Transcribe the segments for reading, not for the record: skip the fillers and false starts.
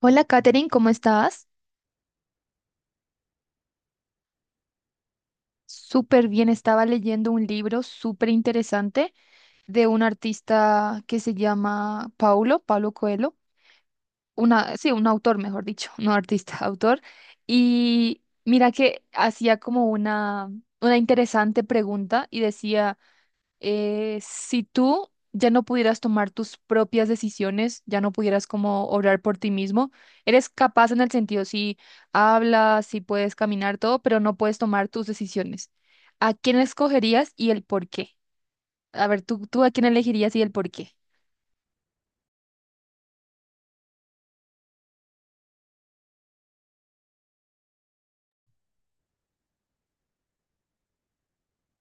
Hola, Katherine, ¿cómo estás? Súper bien, estaba leyendo un libro súper interesante de un artista que se llama Paulo Coelho, una, sí, un autor, mejor dicho, no artista, autor. Y mira que hacía como una interesante pregunta y decía... si tú ya no pudieras tomar tus propias decisiones, ya no pudieras como obrar por ti mismo, eres capaz en el sentido, si hablas, si puedes caminar, todo, pero no puedes tomar tus decisiones. ¿A quién escogerías y el por qué? A ver, tú a quién elegirías y el por qué.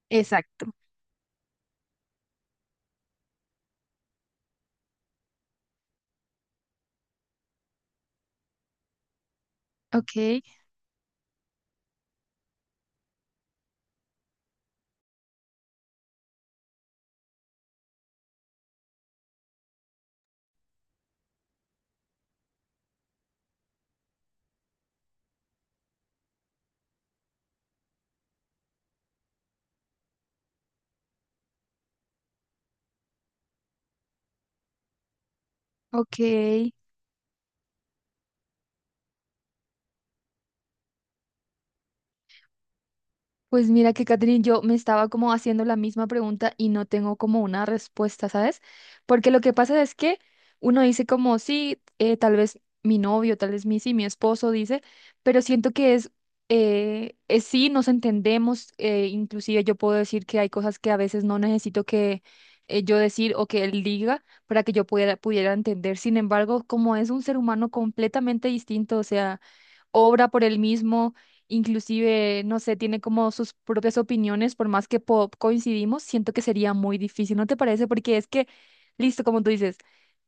Exacto. Ok, ok. Pues mira que Catherine, yo me estaba como haciendo la misma pregunta y no tengo como una respuesta, ¿sabes? Porque lo que pasa es que uno dice como, sí, tal vez mi novio, tal vez mi, sí, mi esposo dice, pero siento que es sí, nos entendemos, inclusive yo puedo decir que hay cosas que a veces no necesito que yo decir o que él diga para que yo pudiera entender. Sin embargo, como es un ser humano completamente distinto, o sea obra por él mismo, inclusive, no sé, tiene como sus propias opiniones, por más que po- coincidimos, siento que sería muy difícil, ¿no te parece? Porque es que, listo, como tú dices,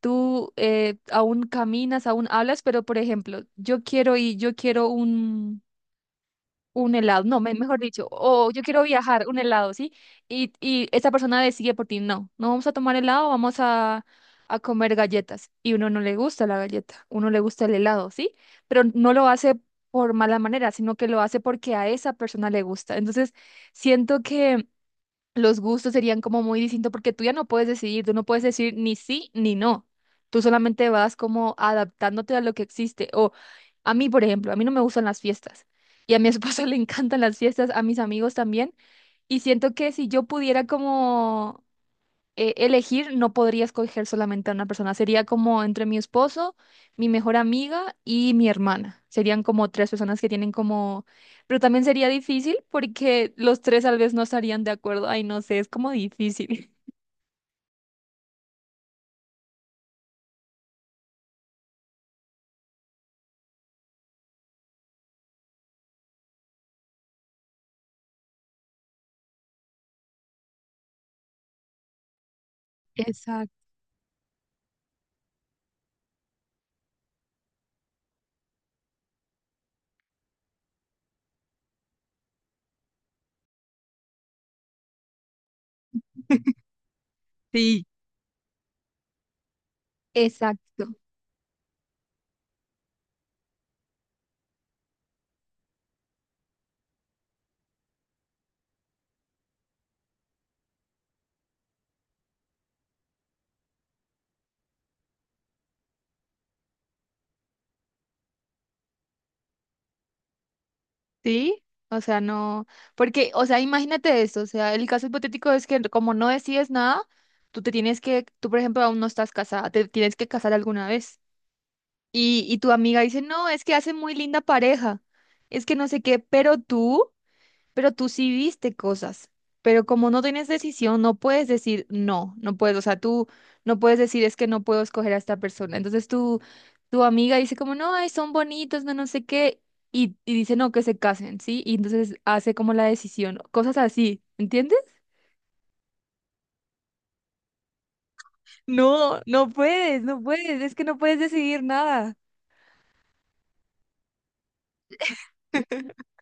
tú aún caminas, aún hablas, pero por ejemplo, yo quiero un helado, no, me- mejor dicho, o yo quiero viajar, un helado, ¿sí? Y esa persona decide por ti, no, no vamos a tomar helado, vamos a comer galletas. Y uno no le gusta la galleta, uno le gusta el helado, ¿sí? Pero no lo hace por mala manera, sino que lo hace porque a esa persona le gusta. Entonces, siento que los gustos serían como muy distintos porque tú ya no puedes decidir, tú no puedes decir ni sí ni no. Tú solamente vas como adaptándote a lo que existe. O a mí, por ejemplo, a mí no me gustan las fiestas y a mi esposo le encantan las fiestas, a mis amigos también. Y siento que si yo pudiera como elegir, no podría escoger solamente a una persona. Sería como entre mi esposo, mi mejor amiga y mi hermana. Serían como tres personas que tienen como... Pero también sería difícil porque los tres tal vez no estarían de acuerdo. Ay, no sé, es como difícil. Exacto. Sí, exacto. Sí, o sea, no, porque, o sea, imagínate esto, o sea, el caso hipotético es que como no decides nada, tú te tienes que, tú por ejemplo aún no estás casada, te tienes que casar alguna vez. Y tu amiga dice, no, es que hace muy linda pareja, es que no sé qué, pero tú sí viste cosas, pero como no tienes decisión, no puedes decir no, no puedes, o sea, tú no puedes decir es que no puedo escoger a esta persona. Entonces tu amiga dice como, no, ay, son bonitos, no, no sé qué, y dice no, que se casen, ¿sí? Y entonces hace como la decisión, cosas así, ¿entiendes? No, no puedes, no puedes, es que no puedes decidir nada.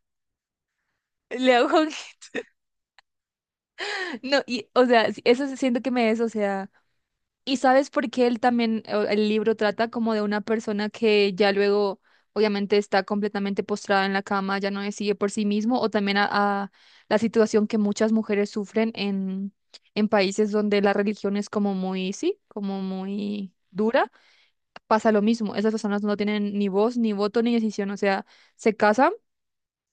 Le hago No, y, o sea, sí, eso sí siento que me es, o sea, y sabes por qué él también, o- el libro trata como de una persona que ya luego, obviamente, está completamente postrada en la cama, ya no decide por sí mismo, o también a la situación que muchas mujeres sufren en países donde la religión es como muy, sí, como muy dura, pasa lo mismo, esas personas no tienen ni voz, ni voto, ni decisión, o sea, se casan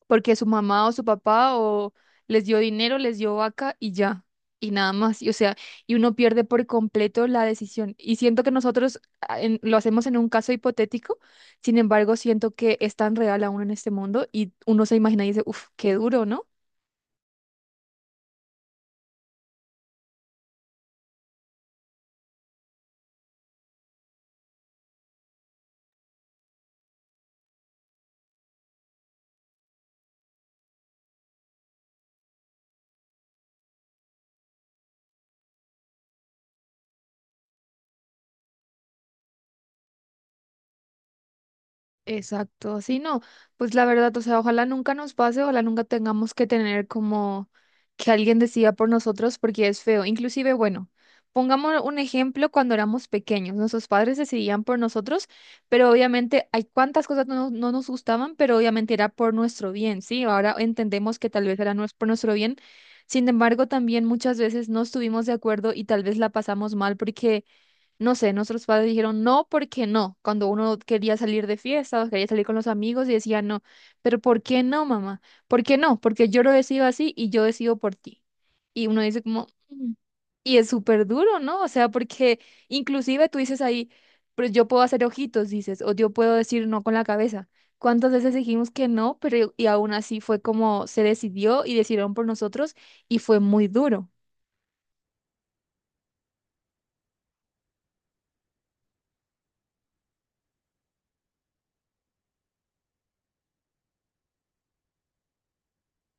porque su mamá o su papá o les dio dinero, les dio vaca y ya, y nada más. Y, o sea, y uno pierde por completo la decisión. Y siento que nosotros en- lo hacemos en un caso hipotético, sin embargo, siento que es tan real aún en este mundo y uno se imagina y dice, uff, qué duro, ¿no? Exacto, sí, no, pues la verdad, o sea, ojalá nunca nos pase, ojalá nunca tengamos que tener como que alguien decida por nosotros porque es feo. Inclusive, bueno, pongamos un ejemplo cuando éramos pequeños, nuestros padres decidían por nosotros, pero obviamente hay cuantas cosas no, no nos gustaban, pero obviamente era por nuestro bien, ¿sí? Ahora entendemos que tal vez era nues- por nuestro bien. Sin embargo, también muchas veces no estuvimos de acuerdo y tal vez la pasamos mal porque no sé, nuestros padres dijeron no, ¿porque no? Cuando uno quería salir de fiesta o quería salir con los amigos y decía no. Pero ¿por qué no, mamá? ¿Por qué no? Porque yo lo decido así y yo decido por ti. Y uno dice como, "Mm". Y es súper duro, ¿no? O sea, porque inclusive tú dices ahí, pero yo puedo hacer ojitos, dices, o yo puedo decir no con la cabeza. ¿Cuántas veces dijimos que no, pero y aún así fue como se decidió y decidieron por nosotros y fue muy duro.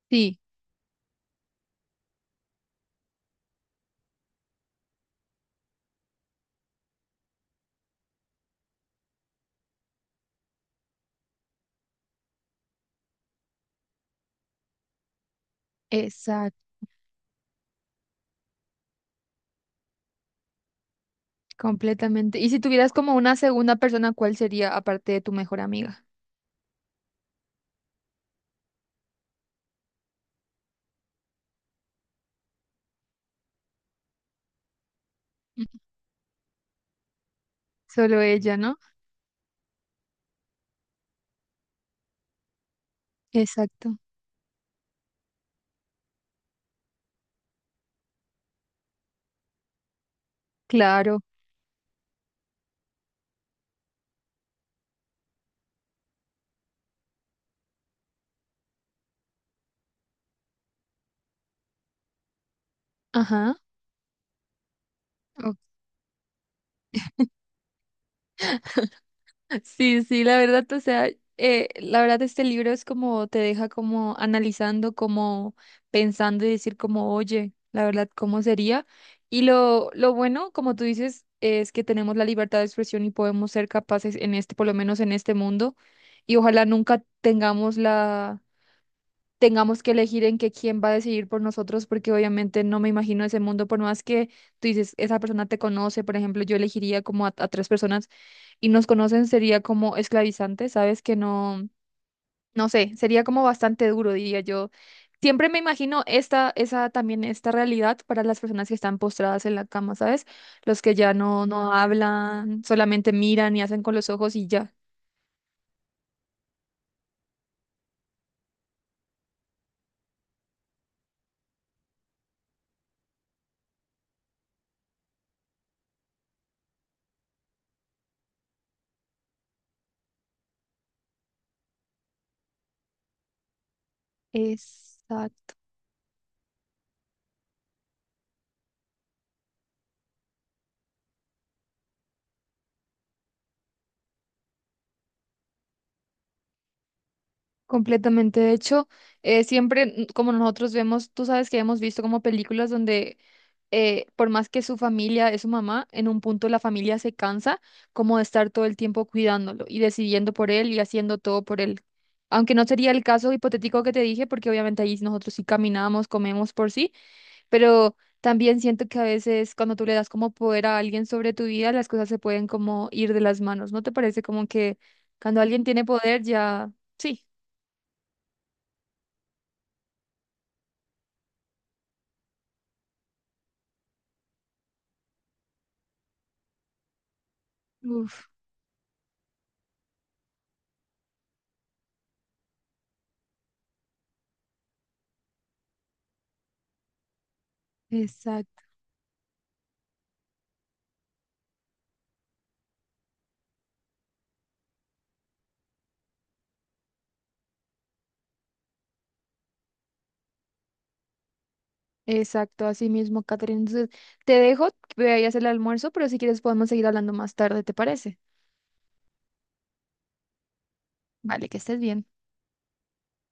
Sí, exacto. Completamente. Y si tuvieras como una segunda persona, ¿cuál sería aparte de tu mejor amiga? Ujú. Solo ella, ¿no? Exacto. Claro. Ajá. Ok. Sí, sí, la verdad, o sea, la verdad este libro es como te deja como analizando, como pensando y decir como, oye, la verdad, ¿cómo sería? Y lo bueno, como tú dices, es que tenemos la libertad de expresión y podemos ser capaces en este, por lo menos en este mundo, y ojalá nunca tengamos la tengamos que elegir en que quién va a decidir por nosotros, porque obviamente no me imagino ese mundo, por más que tú dices, esa persona te conoce, por ejemplo, yo elegiría como a tres personas y nos conocen, sería como esclavizante, ¿sabes? Que no, no sé, sería como bastante duro, diría yo. Siempre me imagino esta, esa también, esta realidad para las personas que están postradas en la cama, ¿sabes? Los que ya no, no hablan, solamente miran y hacen con los ojos y ya. Exacto. Completamente. De hecho, siempre, mm, como nosotros vemos, tú sabes que hemos visto como películas donde, por más que su familia es su mamá, en un punto la familia se cansa como de estar todo el tiempo cuidándolo y decidiendo por él y haciendo todo por él. Aunque no sería el caso hipotético que te dije, porque obviamente ahí nosotros sí caminamos, comemos por sí, pero también siento que a veces cuando tú le das como poder a alguien sobre tu vida, las cosas se pueden como ir de las manos. ¿No te parece como que cuando alguien tiene poder ya... sí Uf, exacto, exacto, así mismo, Catherine. Entonces, te dejo, voy a ir a hacer el almuerzo, pero si quieres podemos seguir hablando más tarde, ¿te parece? Vale, que estés bien.